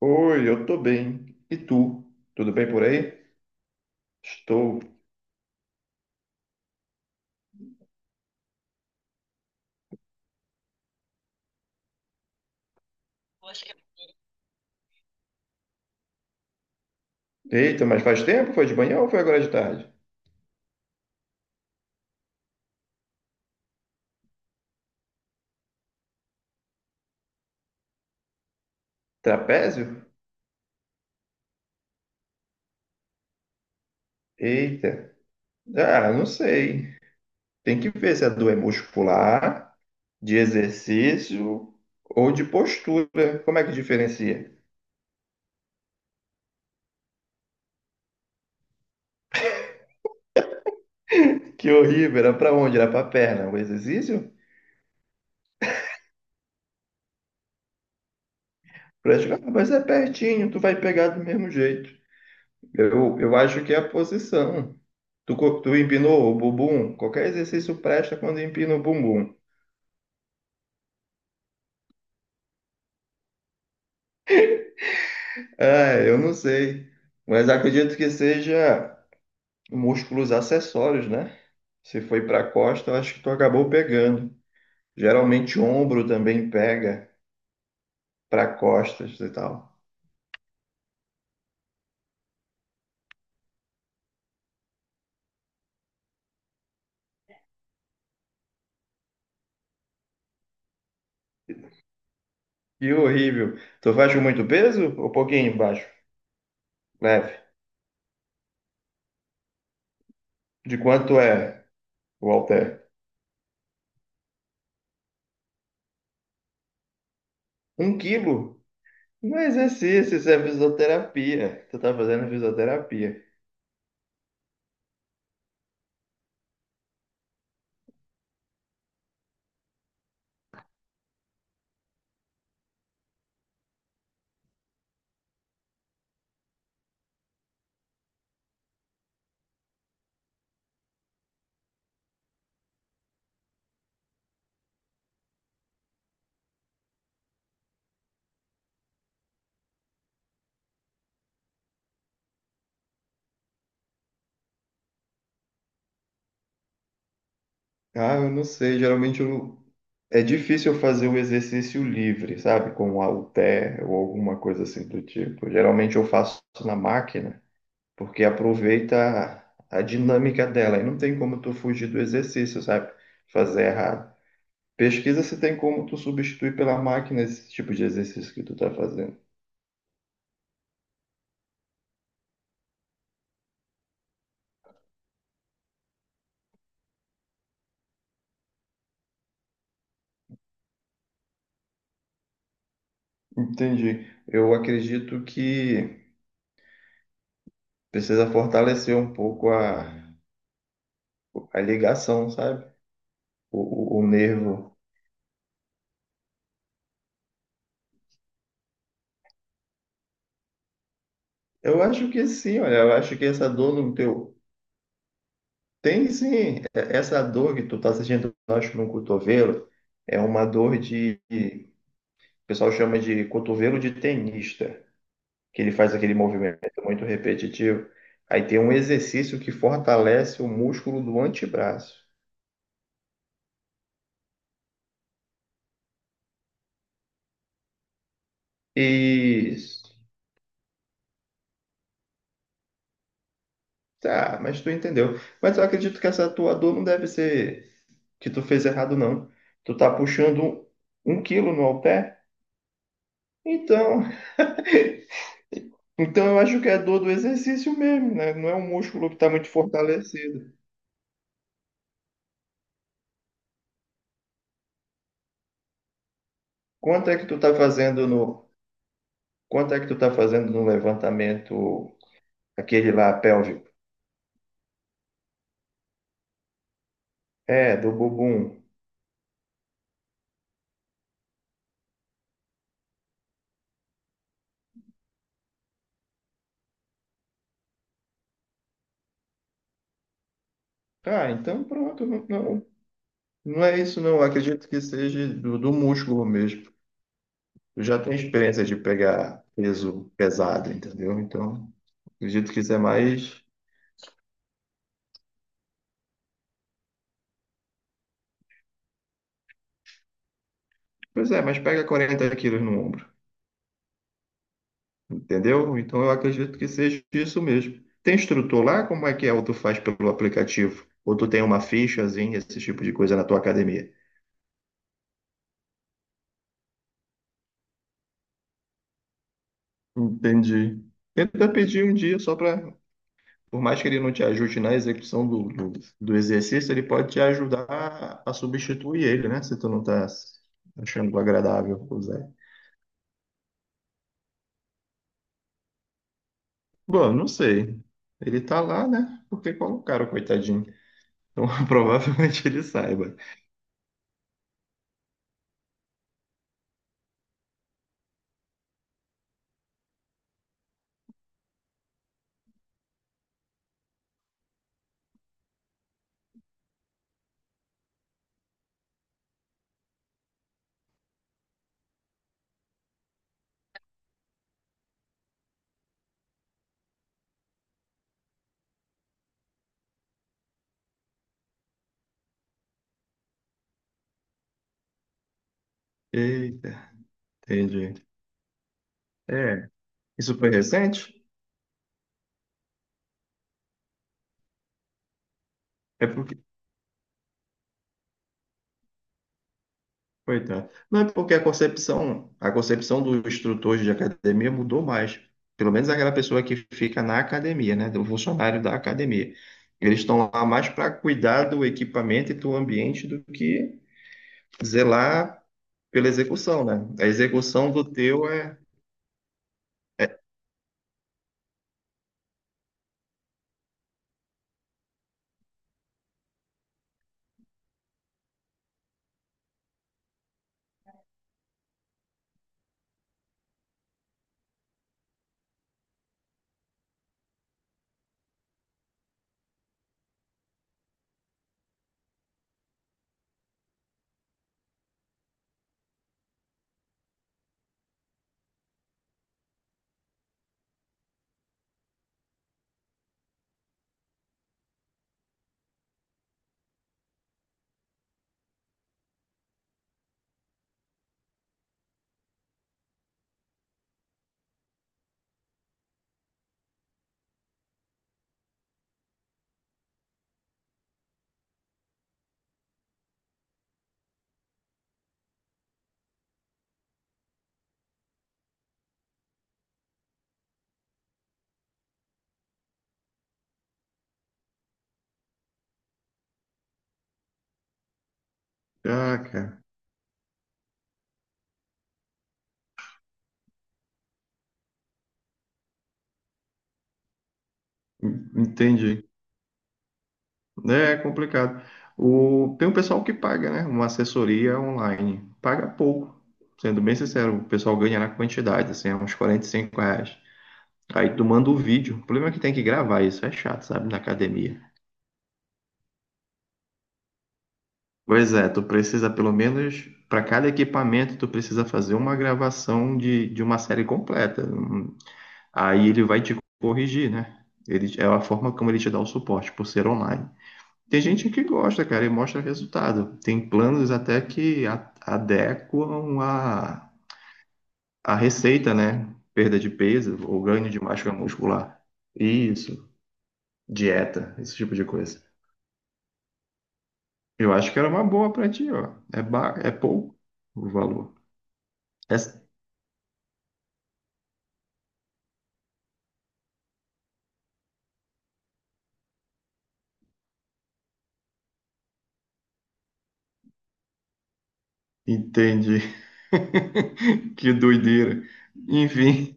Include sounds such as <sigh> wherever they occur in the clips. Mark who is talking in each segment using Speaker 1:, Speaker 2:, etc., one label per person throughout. Speaker 1: Oi, eu tô bem. E tu? Tudo bem por aí? Estou. Eita, mas faz tempo? Foi de manhã ou foi agora de tarde? Trapézio? Eita. Ah, não sei. Tem que ver se a dor é muscular, de exercício ou de postura. Como é que diferencia? Que horrível. Era pra onde? Era pra perna. O exercício? Praticar, mas é pertinho, tu vai pegar do mesmo jeito. Eu acho que é a posição. Tu empinou o bumbum? Qualquer exercício presta quando empina o bumbum. É, eu não sei, mas acredito que seja músculos acessórios, né? Se foi para a costa, eu acho que tu acabou pegando. Geralmente ombro também pega para costas e tal. Que horrível. Tu faz com muito peso ou pouquinho embaixo? Leve. De quanto é o halter? Um quilo? Não é exercício, isso é fisioterapia. Tu tá fazendo fisioterapia. Ah, eu não sei, geralmente eu é difícil eu fazer o exercício livre, sabe? Com halter ou alguma coisa assim do tipo. Geralmente eu faço na máquina, porque aproveita a a dinâmica dela e não tem como tu fugir do exercício, sabe? Fazer errado. Pesquisa se tem como tu substituir pela máquina esse tipo de exercício que tu tá fazendo. Entendi. Eu acredito que precisa fortalecer um pouco a ligação, sabe? O nervo. Eu acho que sim, olha, eu acho que essa dor no teu tem sim. Essa dor que tu tá sentindo, eu acho, no cotovelo, é uma dor de, o pessoal chama de cotovelo de tenista, que ele faz aquele movimento muito repetitivo. Aí tem um exercício que fortalece o músculo do antebraço. Isso. Tá, mas tu entendeu. Mas eu acredito que essa tua dor não deve ser que tu fez errado, não. Tu tá puxando um quilo no halter? Então, <laughs> então eu acho que é dor do exercício mesmo, né? Não é um músculo que está muito fortalecido. Quanto é que tu tá fazendo no, quanto é que tu tá fazendo no levantamento aquele lá pélvico? É, do bumbum. Ah, então pronto, não, não, não é isso não. Eu acredito que seja do músculo mesmo. Eu já tenho experiência de pegar peso pesado, entendeu? Então, acredito que isso é mais, pois é, mas pega 40 quilos no ombro. Entendeu? Então eu acredito que seja isso mesmo. Tem instrutor lá? Como é que é? Ou tu faz pelo aplicativo? Ou tu tem uma fichazinha, esse tipo de coisa na tua academia? Entendi. Tenta pedir um dia só para, por mais que ele não te ajude na execução do exercício, ele pode te ajudar a substituir ele, né? Se tu não tá achando agradável usar. Bom, não sei. Ele tá lá, né? Porque colocaram, coitadinho. Então <laughs> provavelmente ele saiba. Eita, entendi. É, isso foi recente? É porque. Coitado. Não, é porque a concepção do instrutor de academia mudou mais. Pelo menos aquela pessoa que fica na academia, né? Do funcionário da academia. Eles estão lá mais para cuidar do equipamento e do ambiente do que zelar pela execução, né? A execução do teu é. Ah, cara. Entendi. É complicado. O, tem um pessoal que paga, né? Uma assessoria online. Paga pouco. Sendo bem sincero, o pessoal ganha na quantidade, assim, é uns R$ 45. Aí tu manda o vídeo. O problema é que tem que gravar isso, é chato, sabe? Na academia. Pois é, tu precisa pelo menos, para cada equipamento, tu precisa fazer uma gravação de uma série completa. Aí ele vai te corrigir, né? Ele, é a forma como ele te dá o suporte, por ser online. Tem gente que gosta, cara, e mostra resultado. Tem planos até que adequam a receita, né? Perda de peso ou ganho de massa muscular. Isso, dieta, esse tipo de coisa. Eu acho que era uma boa pra ti, ó. É, é pouco o valor. É- Entendi. <laughs> Que doideira. Enfim,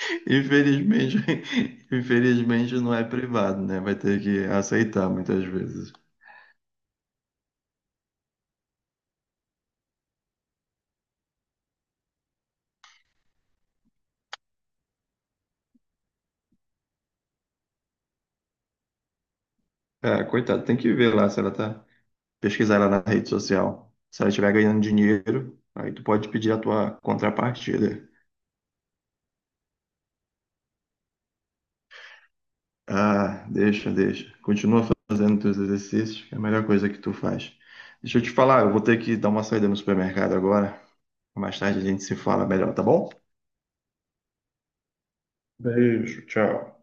Speaker 1: <laughs> infelizmente, <laughs> infelizmente não é privado, né? Vai ter que aceitar muitas vezes. Ah, coitado, tem que ver lá se ela tá, pesquisar lá na rede social. Se ela estiver ganhando dinheiro, aí tu pode pedir a tua contrapartida. Ah, deixa, deixa. Continua fazendo teus exercícios, que é a melhor coisa que tu faz. Deixa eu te falar, eu vou ter que dar uma saída no supermercado agora. Mais tarde a gente se fala melhor, tá bom? Beijo, tchau.